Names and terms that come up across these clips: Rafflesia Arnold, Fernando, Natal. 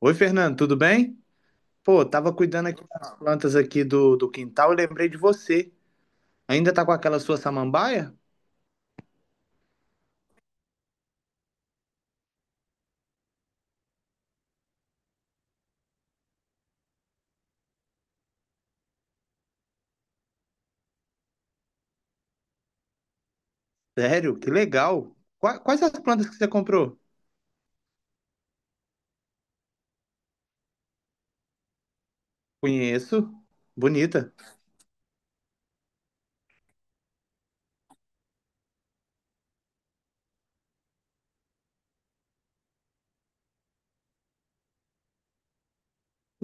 Oi, Fernando, tudo bem? Pô, tava cuidando aqui das plantas aqui do quintal e lembrei de você. Ainda tá com aquela sua samambaia? Sério, que legal. Quais as plantas que você comprou? Conheço. Bonita.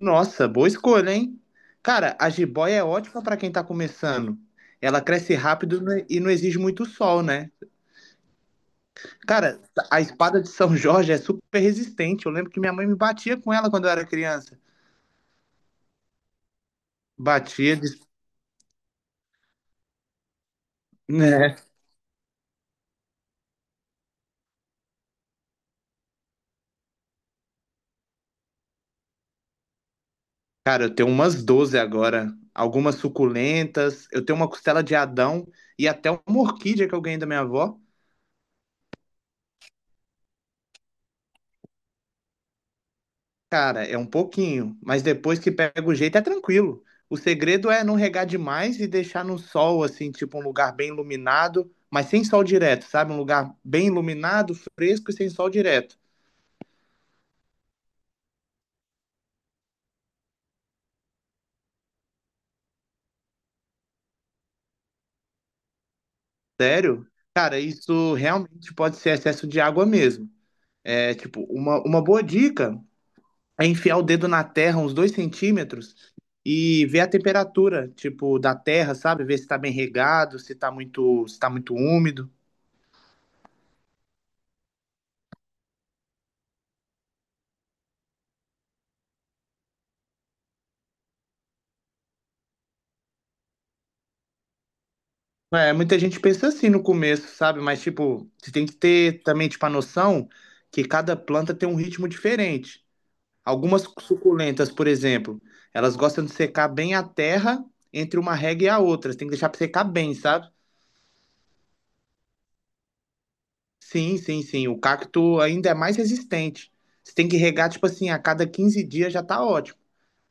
Nossa, boa escolha, hein? Cara, a jiboia é ótima pra quem tá começando. Ela cresce rápido né, e não exige muito sol, né? Cara, a espada de São Jorge é super resistente. Eu lembro que minha mãe me batia com ela quando eu era criança. Batia de... Cara, eu tenho umas 12 agora, algumas suculentas, eu tenho uma costela de Adão e até uma orquídea que eu ganhei da minha avó. Cara, é um pouquinho, mas depois que pega o jeito é tranquilo. O segredo é não regar demais e deixar no sol, assim, tipo um lugar bem iluminado, mas sem sol direto, sabe? Um lugar bem iluminado, fresco e sem sol direto. Sério? Cara, isso realmente pode ser excesso de água mesmo. É, tipo, uma boa dica é enfiar o dedo na terra uns 2 centímetros e ver a temperatura, tipo, da terra, sabe? Ver se tá bem regado, se tá muito, se tá muito úmido. É, muita gente pensa assim no começo, sabe? Mas, tipo, você tem que ter também, tipo, a noção que cada planta tem um ritmo diferente. Algumas suculentas, por exemplo, elas gostam de secar bem a terra entre uma rega e a outra. Você tem que deixar pra secar bem, sabe? Sim, sim, sim. O cacto ainda é mais resistente. Você tem que regar, tipo assim, a cada 15 dias já tá ótimo.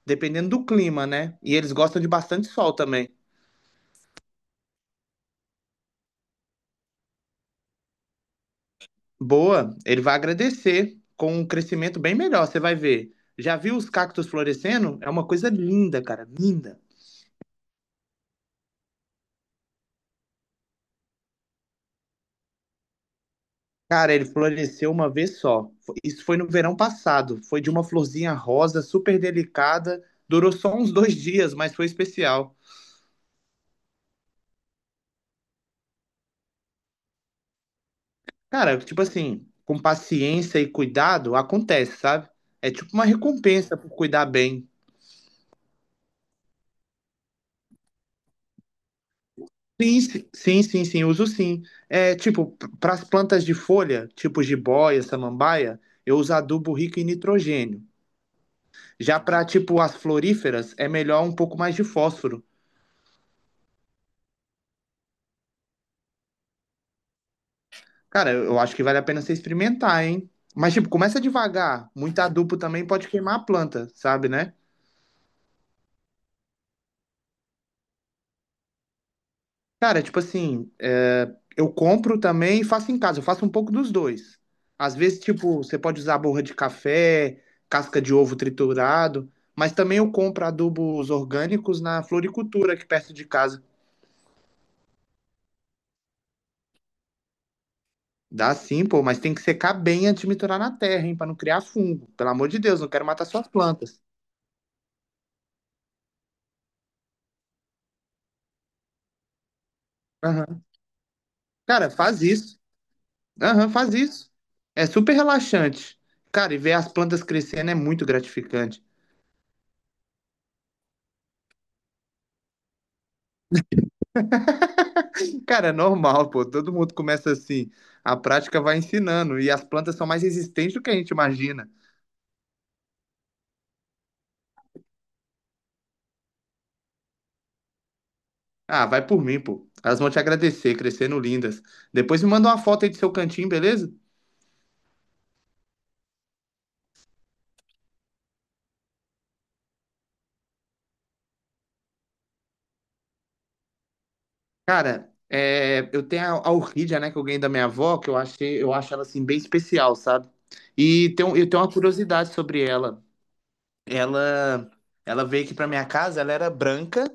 Dependendo do clima, né? E eles gostam de bastante sol também. Boa, ele vai agradecer com um crescimento bem melhor, você vai ver. Já viu os cactos florescendo? É uma coisa linda. Cara, ele floresceu uma vez só. Isso foi no verão passado. Foi de uma florzinha rosa, super delicada. Durou só uns 2 dias, mas foi especial. Cara, tipo assim, com paciência e cuidado, acontece, sabe? É tipo uma recompensa por cuidar bem. Sim, sim, uso sim. É, tipo, para as plantas de folha, tipo jiboia, samambaia, eu uso adubo rico em nitrogênio. Já para, tipo, as floríferas, é melhor um pouco mais de fósforo. Cara, eu acho que vale a pena você experimentar, hein? Mas, tipo, começa devagar. Muito adubo também pode queimar a planta, sabe, né? Cara, tipo assim, é, eu compro também e faço em casa. Eu faço um pouco dos dois. Às vezes, tipo, você pode usar borra de café, casca de ovo triturado, mas também eu compro adubos orgânicos na floricultura aqui perto de casa. Dá sim, pô, mas tem que secar bem antes de misturar na terra, hein, pra não criar fungo. Pelo amor de Deus, não quero matar suas plantas. Aham. Cara, faz isso. Aham, faz isso. É super relaxante. Cara, e ver as plantas crescendo é muito gratificante. Cara, é normal, pô. Todo mundo começa assim. A prática vai ensinando. E as plantas são mais resistentes do que a gente imagina. Ah, vai por mim, pô. Elas vão te agradecer, crescendo lindas. Depois me manda uma foto aí do seu cantinho, beleza? Cara, é, eu tenho a orquídea, né, que eu ganhei da minha avó, que eu achei, eu acho ela assim bem especial, sabe? E tem, eu tenho uma curiosidade sobre ela. Ela, ela veio aqui pra minha casa, ela era branca,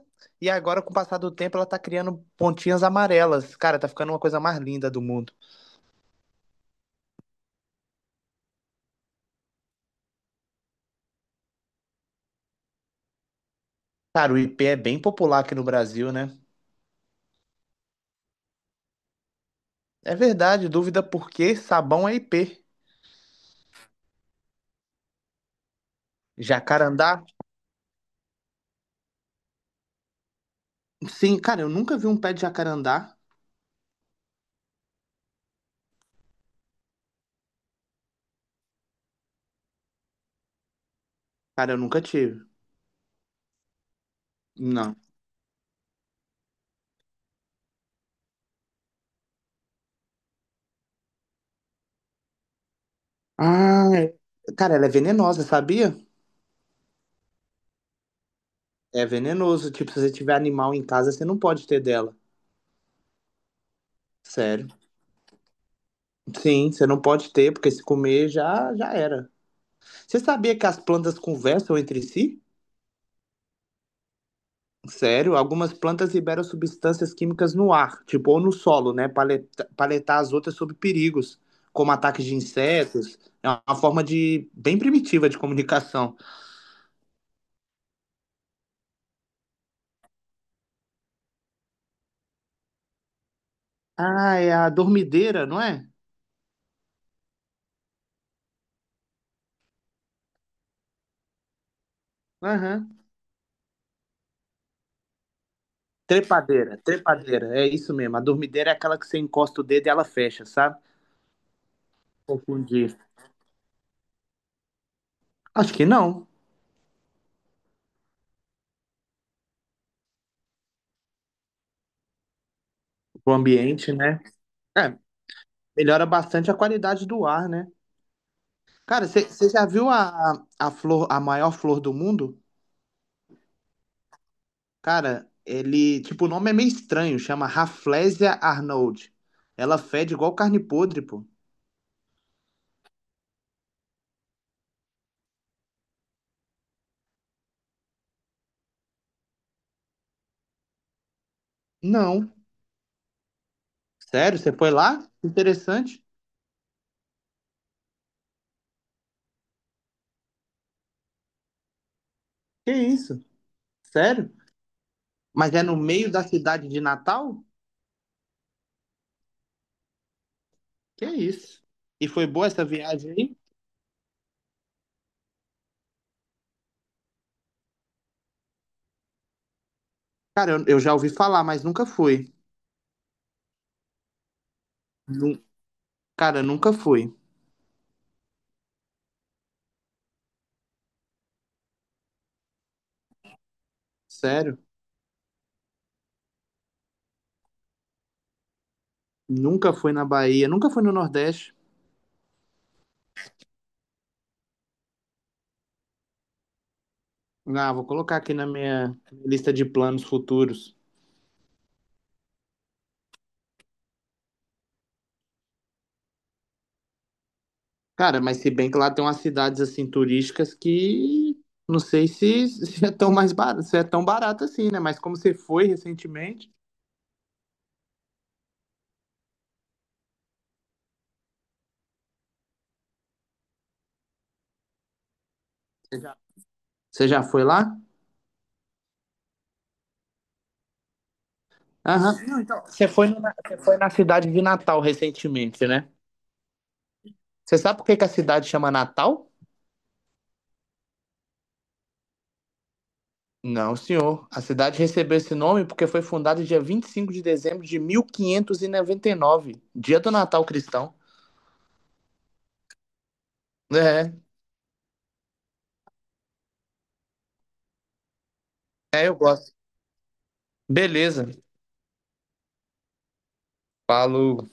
e agora, com o passar do tempo, ela tá criando pontinhas amarelas. Cara, tá ficando uma coisa mais linda do mundo. Cara, o IP é bem popular aqui no Brasil, né? É verdade, dúvida por que sabão é IP. Jacarandá? Sim, cara, eu nunca vi um pé de jacarandá. Cara, eu nunca tive. Não. Ah, cara, ela é venenosa, sabia? É venenoso. Tipo, se você tiver animal em casa, você não pode ter dela. Sério. Sim, você não pode ter, porque se comer já era. Você sabia que as plantas conversam entre si? Sério, algumas plantas liberam substâncias químicas no ar, tipo, ou no solo, né? Para alertar as outras sobre perigos, como ataques de insetos. É uma forma de bem primitiva de comunicação. Ah, é a dormideira, não é? Aham. Trepadeira, trepadeira, é isso mesmo. A dormideira é aquela que você encosta o dedo e ela fecha, sabe? Confundir. Acho que não. O ambiente, né? É, melhora bastante a qualidade do ar, né? Cara, você já viu a flor, a maior flor do mundo? Cara, ele. Tipo, o nome é meio estranho, chama Rafflesia Arnold. Ela fede igual carne podre, pô. Não. Sério? Você foi lá? Interessante. Que isso? Sério? Mas é no meio da cidade de Natal? Que isso? E foi boa essa viagem aí? Cara, eu já ouvi falar, mas nunca fui. Nu- Cara, nunca fui. Sério? Nunca fui na Bahia, nunca fui no Nordeste. Ah, vou colocar aqui na minha lista de planos futuros. Cara, mas se bem que lá tem umas cidades assim turísticas que não sei se, se é tão mais barato, se é tão barato assim, né? Mas como você foi recentemente, você já, você já foi lá? Aham. Não, então, você foi na cidade de Natal recentemente, né? Você sabe por que que a cidade chama Natal? Não, senhor. A cidade recebeu esse nome porque foi fundada dia 25 de dezembro de mil quinhentos e noventa e nove, dia do Natal cristão. É, é, eu gosto. Beleza. Falou.